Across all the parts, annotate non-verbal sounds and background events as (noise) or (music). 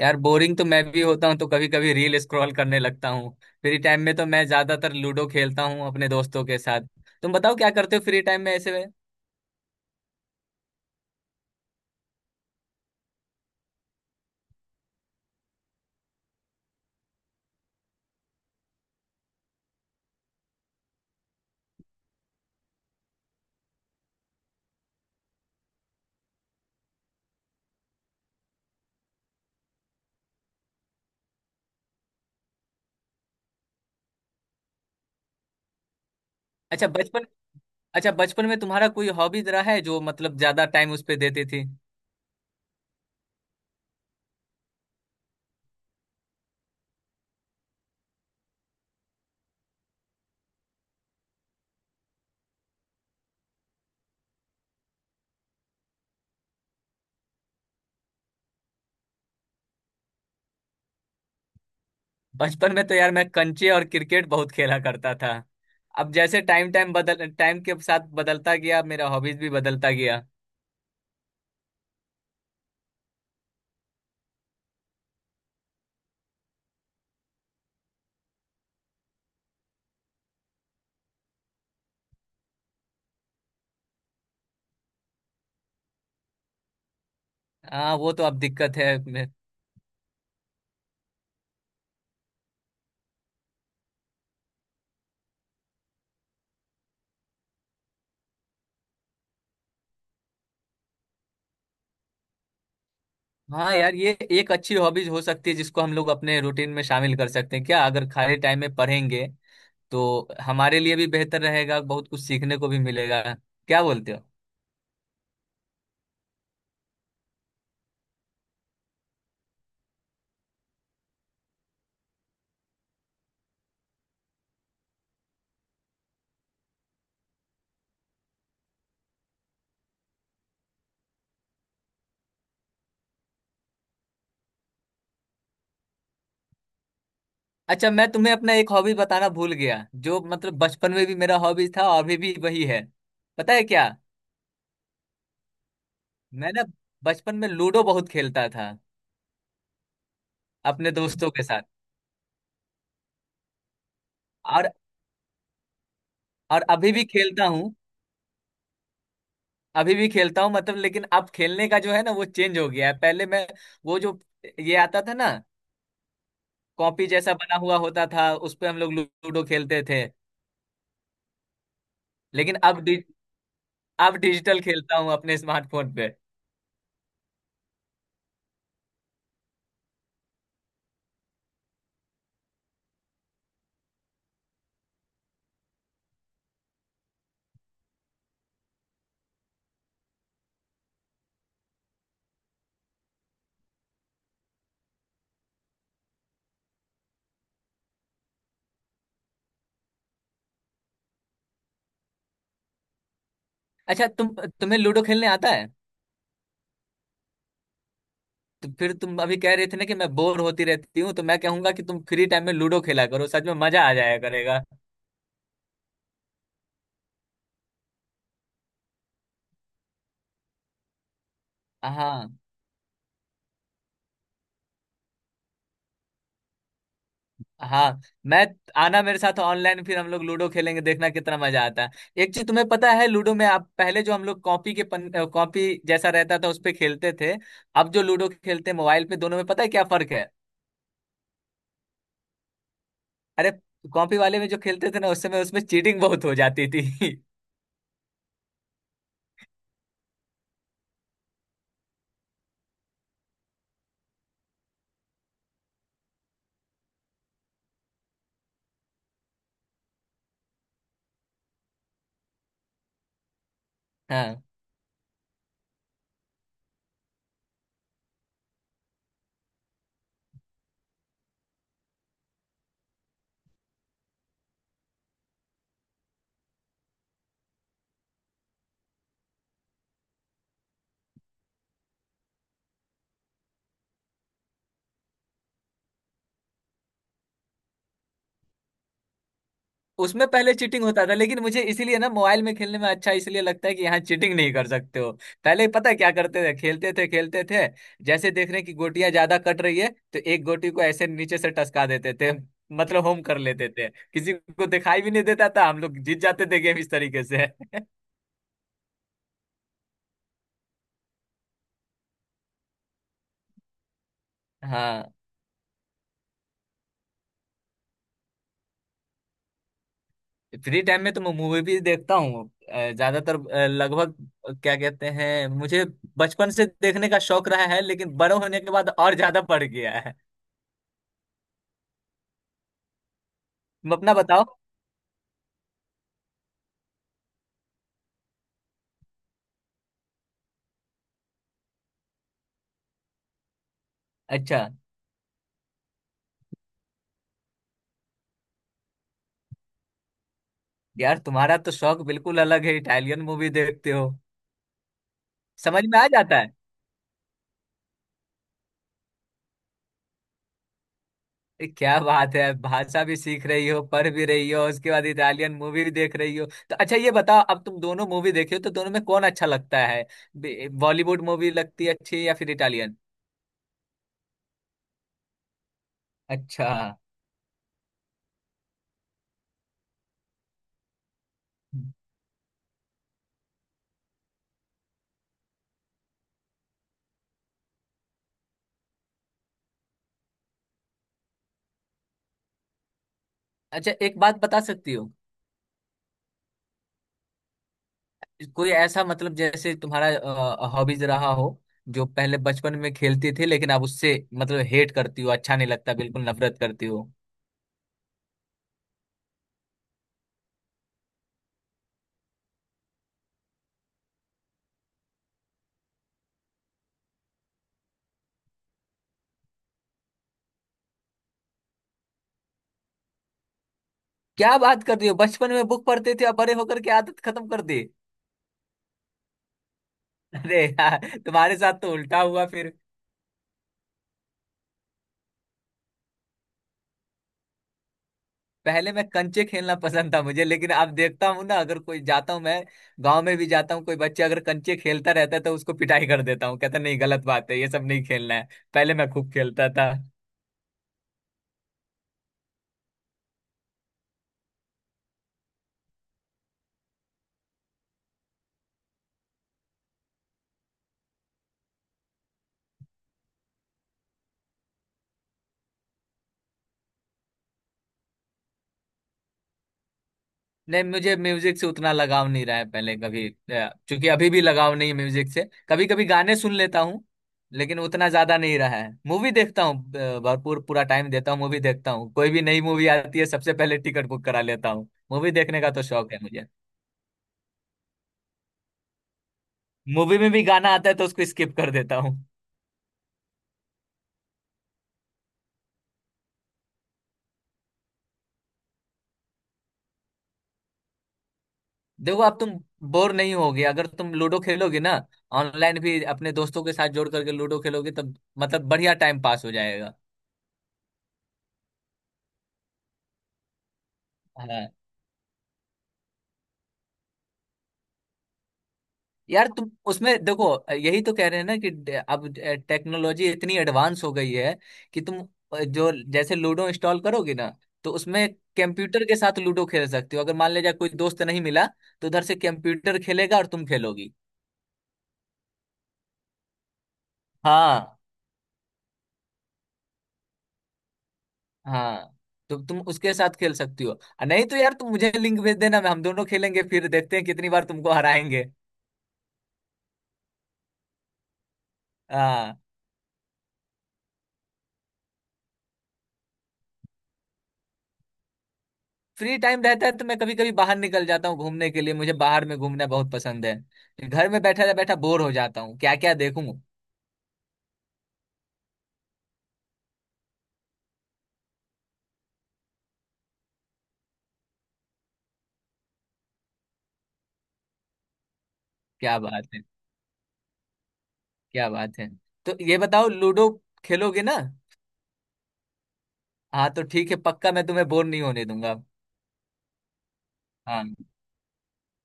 यार बोरिंग तो मैं भी होता हूँ, तो कभी कभी रील स्क्रॉल करने लगता हूँ। फ्री टाइम में तो मैं ज्यादातर लूडो खेलता हूँ अपने दोस्तों के साथ। तुम बताओ क्या करते हो फ्री टाइम में ऐसे में। अच्छा बचपन अच्छा बचपन में तुम्हारा कोई हॉबी रहा है जो मतलब ज्यादा टाइम उस पे देती थी? बचपन में तो यार मैं कंचे और क्रिकेट बहुत खेला करता था। अब जैसे टाइम टाइम बदल टाइम के साथ बदलता गया, मेरा हॉबीज भी बदलता गया। हाँ वो तो अब दिक्कत है। हाँ यार ये एक अच्छी हॉबीज हो सकती है जिसको हम लोग अपने रूटीन में शामिल कर सकते हैं क्या। अगर खाली टाइम में पढ़ेंगे तो हमारे लिए भी बेहतर रहेगा, बहुत कुछ सीखने को भी मिलेगा। क्या बोलते हो? अच्छा मैं तुम्हें अपना एक हॉबी बताना भूल गया, जो मतलब बचपन में भी मेरा हॉबी था और अभी भी वही है। पता है क्या? मैं ना बचपन में लूडो बहुत खेलता था अपने दोस्तों के साथ। और और अभी भी खेलता हूँ। अभी भी खेलता हूँ मतलब, लेकिन अब खेलने का जो है ना वो चेंज हो गया है। पहले मैं, वो जो, ये आता था ना, कॉपी जैसा बना हुआ होता था उस पे हम लोग लूडो खेलते थे। लेकिन अब डिजिटल खेलता हूँ अपने स्मार्टफोन पे। अच्छा तुम्हें लूडो खेलने आता है? तो फिर तुम अभी कह रहे थे ना कि मैं बोर होती रहती हूँ, तो मैं कहूंगा कि तुम फ्री टाइम में लूडो खेला करो, सच में मजा आ जाया करेगा। हाँ। हाँ। मैं आना मेरे साथ ऑनलाइन, फिर हम लोग लूडो खेलेंगे, देखना कितना मजा आता है। एक चीज तुम्हें पता है, लूडो में आप पहले जो हम लोग कॉपी के पन कॉपी जैसा रहता था उस पे खेलते थे, अब जो लूडो खेलते हैं मोबाइल पे, दोनों में पता है क्या फर्क है? अरे कॉपी वाले में जो खेलते थे ना उस समय उसमें चीटिंग बहुत हो जाती थी। (laughs) हाँ। उसमें पहले चीटिंग होता था, लेकिन मुझे इसीलिए ना मोबाइल में खेलने में अच्छा इसलिए लगता है कि यहाँ चीटिंग नहीं कर सकते हो। पहले पता है क्या करते थे? खेलते थे खेलते थे, जैसे देख रहे हैं कि गोटियां ज्यादा कट रही है तो एक गोटी को ऐसे नीचे से टसका देते थे, मतलब होम कर लेते थे, किसी को दिखाई भी नहीं देता था, हम लोग जीत जाते थे गेम इस तरीके से। (laughs) हाँ। फ्री टाइम में तो मैं मूवी भी देखता हूँ। ज्यादातर, लगभग, क्या कहते हैं, मुझे बचपन से देखने का शौक रहा है, लेकिन बड़े होने के बाद और ज्यादा बढ़ गया है। तुम अपना बताओ। अच्छा। यार तुम्हारा तो शौक बिल्कुल अलग है, इटालियन मूवी देखते हो, समझ में आ जाता है। क्या बात है, भाषा भी सीख रही हो, पढ़ भी रही हो, उसके बाद इटालियन मूवी भी देख रही हो। तो अच्छा ये बताओ, अब तुम दोनों मूवी देखे हो तो दोनों में कौन अच्छा लगता है, बॉलीवुड मूवी लगती है अच्छी या फिर इटालियन? अच्छा। अच्छा एक बात बता सकती हो, कोई ऐसा मतलब जैसे तुम्हारा हॉबीज रहा हो जो पहले बचपन में खेलती थी, लेकिन अब उससे मतलब हेट करती हो, अच्छा नहीं लगता बिल्कुल, नफरत करती हो? क्या बात करती हो, बचपन में बुक पढ़ते थे, अब बड़े होकर के आदत खत्म कर दी। अरे यार। तुम्हारे साथ तो उल्टा हुआ फिर। पहले मैं कंचे खेलना पसंद था मुझे, लेकिन अब देखता हूँ ना, अगर कोई जाता हूँ मैं, गांव में भी जाता हूँ, कोई बच्चा अगर कंचे खेलता रहता है तो उसको पिटाई कर देता हूँ, कहता नहीं, गलत बात है, ये सब नहीं खेलना है। पहले मैं खूब खेलता था। नहीं, मुझे म्यूजिक से उतना लगाव नहीं रहा है पहले कभी, क्योंकि अभी भी लगाव नहीं है म्यूजिक से। कभी कभी गाने सुन लेता हूँ, लेकिन उतना ज्यादा नहीं रहा है। मूवी देखता हूँ, भरपूर पूरा टाइम देता हूँ, मूवी देखता हूँ। कोई भी नई मूवी आती है सबसे पहले टिकट बुक करा लेता हूँ, मूवी देखने का तो शौक है मुझे। मूवी में भी गाना आता है तो उसको स्किप कर देता हूँ। देखो अब तुम बोर नहीं होगे अगर तुम लूडो खेलोगे ना, ऑनलाइन भी अपने दोस्तों के साथ जोड़ करके लूडो खेलोगे, तब मतलब बढ़िया टाइम पास हो जाएगा। हाँ। यार तुम उसमें देखो, यही तो कह रहे हैं ना कि अब टेक्नोलॉजी इतनी एडवांस हो गई है कि तुम, जो जैसे लूडो इंस्टॉल करोगे ना, तो उसमें कंप्यूटर के साथ लूडो खेल सकते हो। अगर मान लीजिए कोई दोस्त नहीं मिला, तो उधर से कंप्यूटर खेलेगा और तुम खेलोगी। हाँ। हाँ तो तुम उसके साथ खेल सकती हो। नहीं तो यार तुम मुझे लिंक भेज देना, मैं हम दोनों खेलेंगे, फिर देखते हैं कितनी बार तुमको हराएंगे। हाँ। फ्री टाइम रहता है तो मैं कभी कभी बाहर निकल जाता हूँ घूमने के लिए, मुझे बाहर में घूमना बहुत पसंद है। घर में बैठा बैठा बोर हो जाता हूँ, क्या क्या देखूं। क्या बात है। क्या बात है। तो ये बताओ, लूडो खेलोगे ना? हाँ तो ठीक है, पक्का मैं तुम्हें बोर नहीं होने दूंगा। हाँ।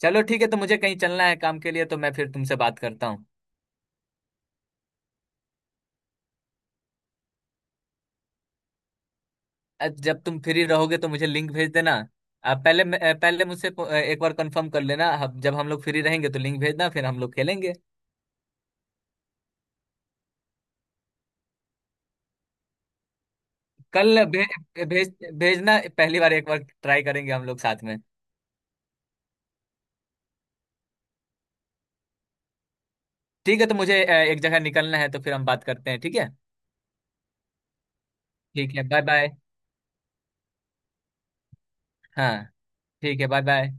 चलो ठीक है, तो मुझे कहीं चलना है काम के लिए, तो मैं फिर तुमसे बात करता हूँ। जब तुम फ्री रहोगे तो मुझे लिंक भेज देना। आप पहले, पहले मुझसे एक बार कंफर्म कर लेना, जब हम लोग फ्री रहेंगे तो लिंक भेजना, फिर हम लोग खेलेंगे। कल भे, भेज भेजना, पहली बार एक बार ट्राई करेंगे हम लोग साथ में। ठीक है, तो मुझे एक जगह निकलना है, तो फिर हम बात करते हैं, ठीक है। ठीक है बाय बाय। हाँ। ठीक है बाय बाय।